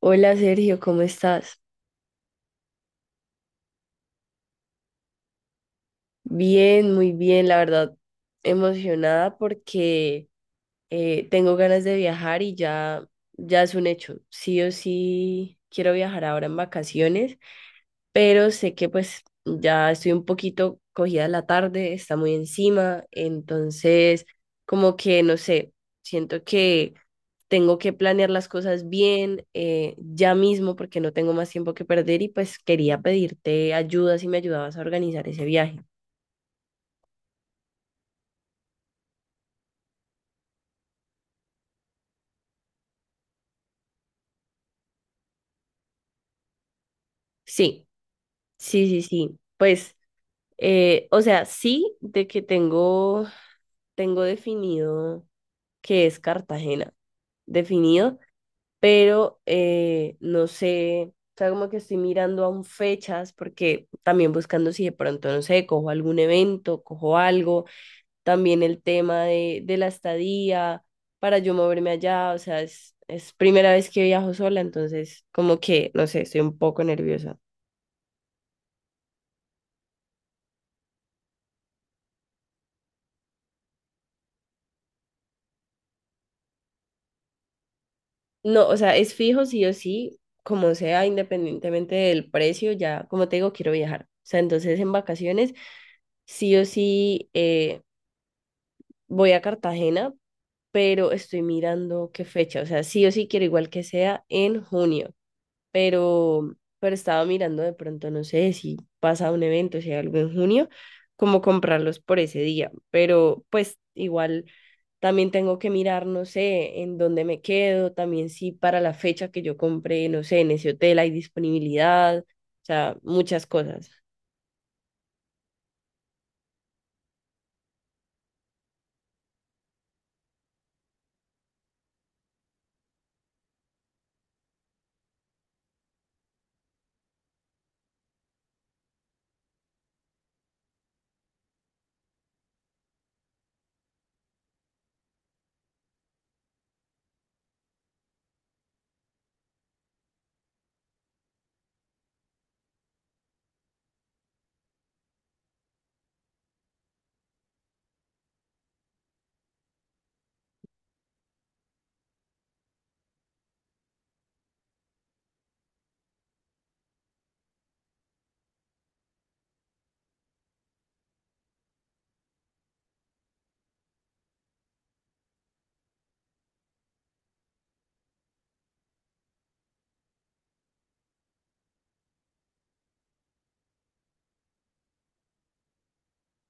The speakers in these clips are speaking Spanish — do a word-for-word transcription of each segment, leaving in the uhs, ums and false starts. Hola Sergio, ¿cómo estás? Bien, muy bien, la verdad, emocionada porque eh, tengo ganas de viajar y ya, ya es un hecho. Sí o sí quiero viajar ahora en vacaciones, pero sé que pues ya estoy un poquito cogida la tarde, está muy encima, entonces como que no sé, siento que tengo que planear las cosas bien, eh, ya mismo porque no tengo más tiempo que perder y pues quería pedirte ayuda si me ayudabas a organizar ese viaje. Sí, sí, sí, sí. Pues, eh, o sea, sí, de que tengo, tengo definido que es Cartagena, definido, pero eh, no sé, o sea, como que estoy mirando aún fechas, porque también buscando si de pronto, no sé, cojo algún evento, cojo algo, también el tema de, de la estadía, para yo moverme allá, o sea, es, es primera vez que viajo sola, entonces como que, no sé, estoy un poco nerviosa. No, o sea, es fijo sí o sí, como sea, independientemente del precio, ya, como te digo, quiero viajar. O sea, entonces en vacaciones sí o sí, eh, voy a Cartagena, pero estoy mirando qué fecha. O sea, sí o sí quiero igual que sea en junio, pero, pero estaba mirando de pronto, no sé si pasa un evento, si hay algo en junio, como comprarlos por ese día. Pero pues igual también tengo que mirar, no sé, en dónde me quedo, también si para la fecha que yo compré, no sé, en ese hotel hay disponibilidad, o sea, muchas cosas.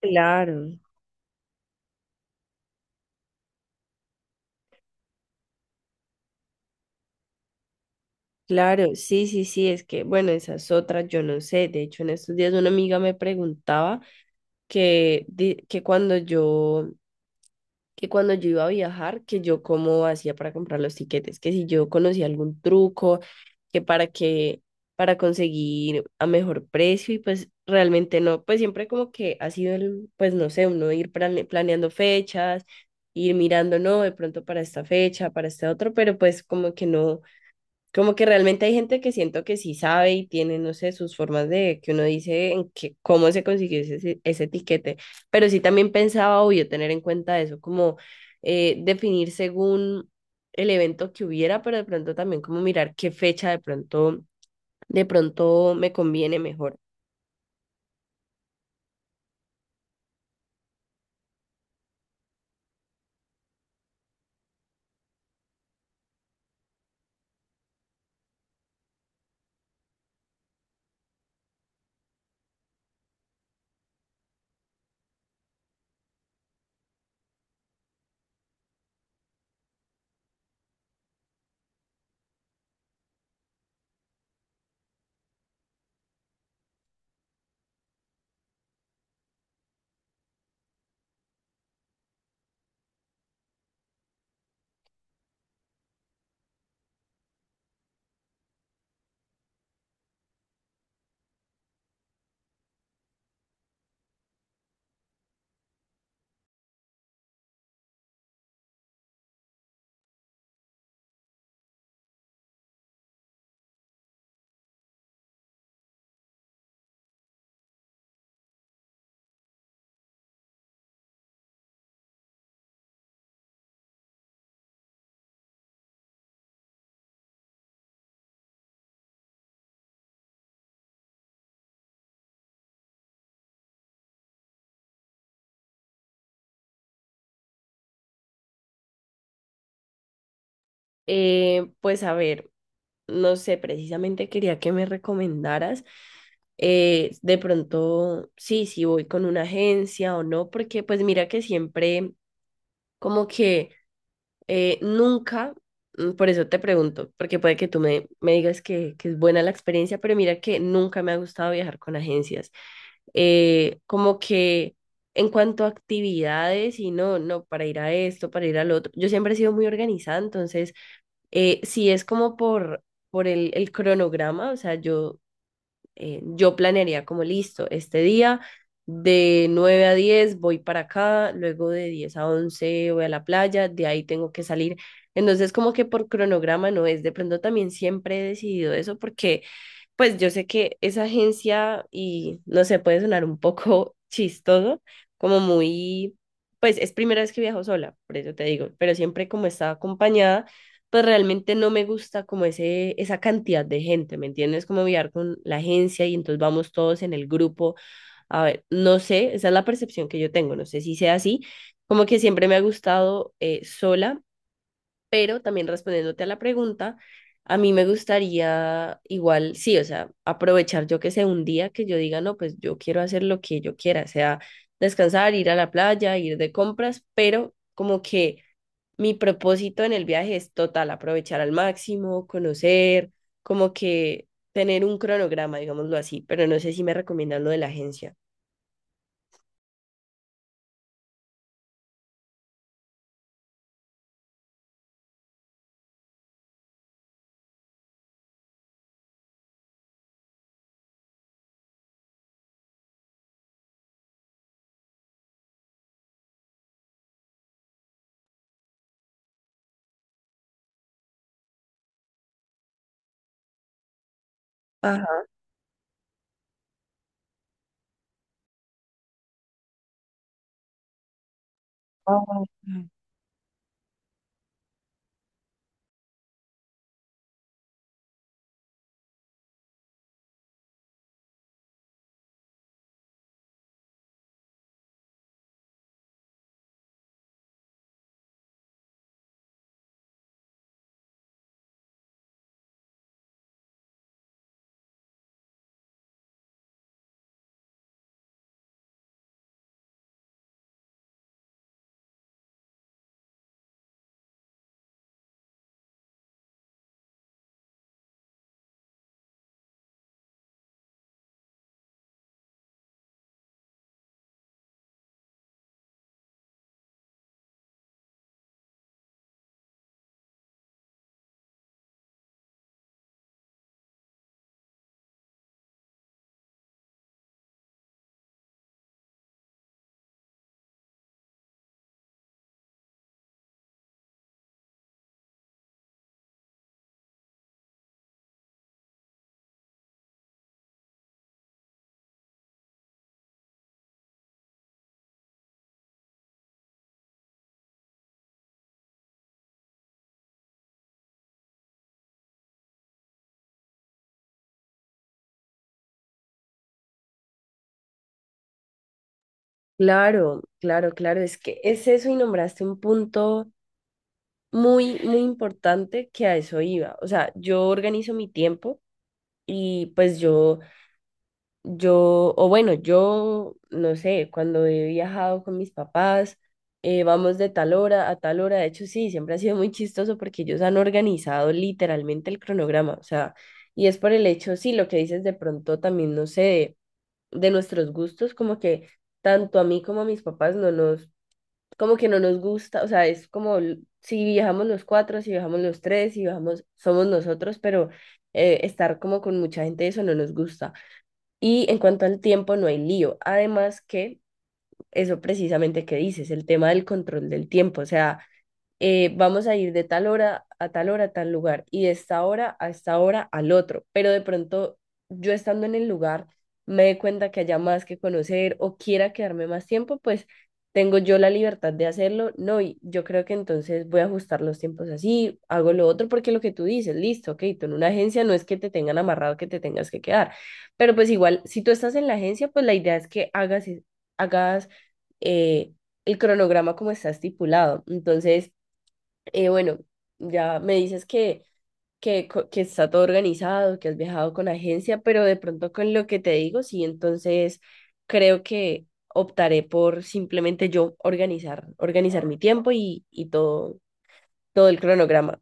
Claro. Claro, sí, sí, sí, es que, bueno, esas otras, yo no sé. De hecho, en estos días una amiga me preguntaba que, di- que cuando yo, que cuando yo iba a viajar, que yo cómo hacía para comprar los tiquetes, que si yo conocía algún truco, que para que, para conseguir a mejor precio, y pues realmente no, pues siempre como que ha sido el, pues no sé, uno ir plane- planeando fechas, ir mirando, no, de pronto para esta fecha, para este otro, pero pues como que no. Como que realmente hay gente que siento que sí sabe y tiene, no sé, sus formas de que uno dice en que, cómo se consiguió ese, ese etiquete. Pero sí también pensaba, obvio, tener en cuenta eso, como eh, definir según el evento que hubiera, pero de pronto también como mirar qué fecha de pronto, de pronto me conviene mejor. Eh, pues a ver, no sé, precisamente quería que me recomendaras, eh, de pronto, sí, si voy con una agencia o no, porque pues mira que siempre como que eh, nunca, mm, por eso te pregunto, porque puede que tú me, me digas que, que es buena la experiencia, pero mira que nunca me ha gustado viajar con agencias. Eh, como que en cuanto a actividades y no, no, para ir a esto, para ir al otro, yo siempre he sido muy organizada, entonces, eh, si es como por, por el, el cronograma, o sea, yo, eh, yo planearía como listo, este día de nueve a diez voy para acá, luego de diez a once voy a la playa, de ahí tengo que salir. Entonces como que por cronograma no es, de pronto también siempre he decidido eso porque pues yo sé que esa agencia, y no sé, puede sonar un poco chistoso, como muy, pues es primera vez que viajo sola, por eso te digo, pero siempre como estaba acompañada, pues realmente no me gusta como ese, esa cantidad de gente, ¿me entiendes? Como viajar con la agencia y entonces vamos todos en el grupo. A ver, no sé, esa es la percepción que yo tengo, no sé si sea así, como que siempre me ha gustado, eh, sola, pero también respondiéndote a la pregunta, a mí me gustaría igual, sí, o sea, aprovechar yo que sé un día que yo diga, no, pues yo quiero hacer lo que yo quiera, sea descansar, ir a la playa, ir de compras, pero como que mi propósito en el viaje es total, aprovechar al máximo, conocer, como que tener un cronograma, digámoslo así, pero no sé si me recomiendan lo de la agencia. Ajá. Claro, claro, claro, es que es eso y nombraste un punto muy, muy importante que a eso iba. O sea, yo organizo mi tiempo y pues yo, yo, o bueno, yo, no sé, cuando he viajado con mis papás, eh, vamos de tal hora a tal hora. De hecho, sí, siempre ha sido muy chistoso porque ellos han organizado literalmente el cronograma. O sea, y es por el hecho, sí, lo que dices de pronto también, no sé, de, de nuestros gustos, como que tanto a mí como a mis papás no nos como que no nos gusta, o sea, es como l- si viajamos los cuatro, si viajamos los tres, si viajamos, somos nosotros, pero eh, estar como con mucha gente, eso no nos gusta. Y en cuanto al tiempo, no hay lío. Además que eso precisamente que dices, el tema del control del tiempo, o sea, eh, vamos a ir de tal hora a tal hora a tal lugar y de esta hora a esta hora al otro, pero de pronto yo estando en el lugar me dé cuenta que haya más que conocer o quiera quedarme más tiempo, pues tengo yo la libertad de hacerlo, no, y yo creo que entonces voy a ajustar los tiempos así, hago lo otro, porque lo que tú dices, listo, ok, tú en una agencia no es que te tengan amarrado que te tengas que quedar, pero pues igual, si tú estás en la agencia, pues la idea es que hagas, hagas, eh, el cronograma como está estipulado, entonces, eh, bueno, ya me dices que, que, co- que está todo organizado, que has viajado con agencia, pero de pronto con lo que te digo, sí, entonces creo que optaré por simplemente yo organizar, organizar mi tiempo y, y todo, todo el cronograma.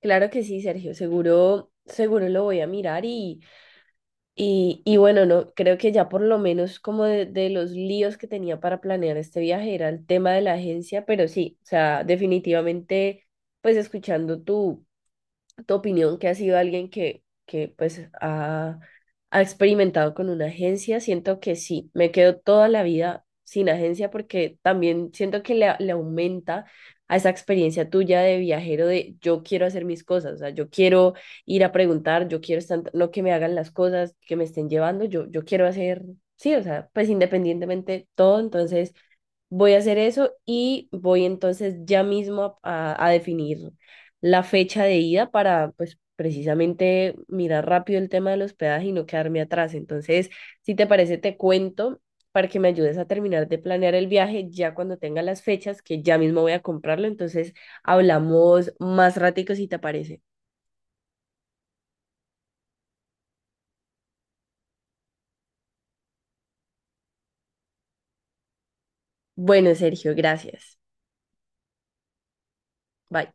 Claro que sí, Sergio, seguro, seguro lo voy a mirar y, y, y bueno, no, creo que ya por lo menos como de, de los líos que tenía para planear este viaje era el tema de la agencia, pero sí, o sea, definitivamente, pues escuchando tu tu opinión, que ha sido alguien que, que pues ha, ha experimentado con una agencia, siento que sí, me quedo toda la vida sin agencia porque también siento que le, le aumenta a esa experiencia tuya de viajero de yo quiero hacer mis cosas, o sea, yo quiero ir a preguntar, yo quiero estar, no que me hagan las cosas, que me estén llevando, yo, yo quiero hacer, sí, o sea, pues independientemente todo, entonces... Voy a hacer eso y voy entonces ya mismo a, a- a definir la fecha de ida para, pues, precisamente mirar rápido el tema del hospedaje y no quedarme atrás. Entonces, si te parece, te cuento para que me ayudes a terminar de planear el viaje ya cuando tenga las fechas, que ya mismo voy a comprarlo. Entonces, hablamos más ratico si te parece. Bueno, Sergio, gracias. Bye.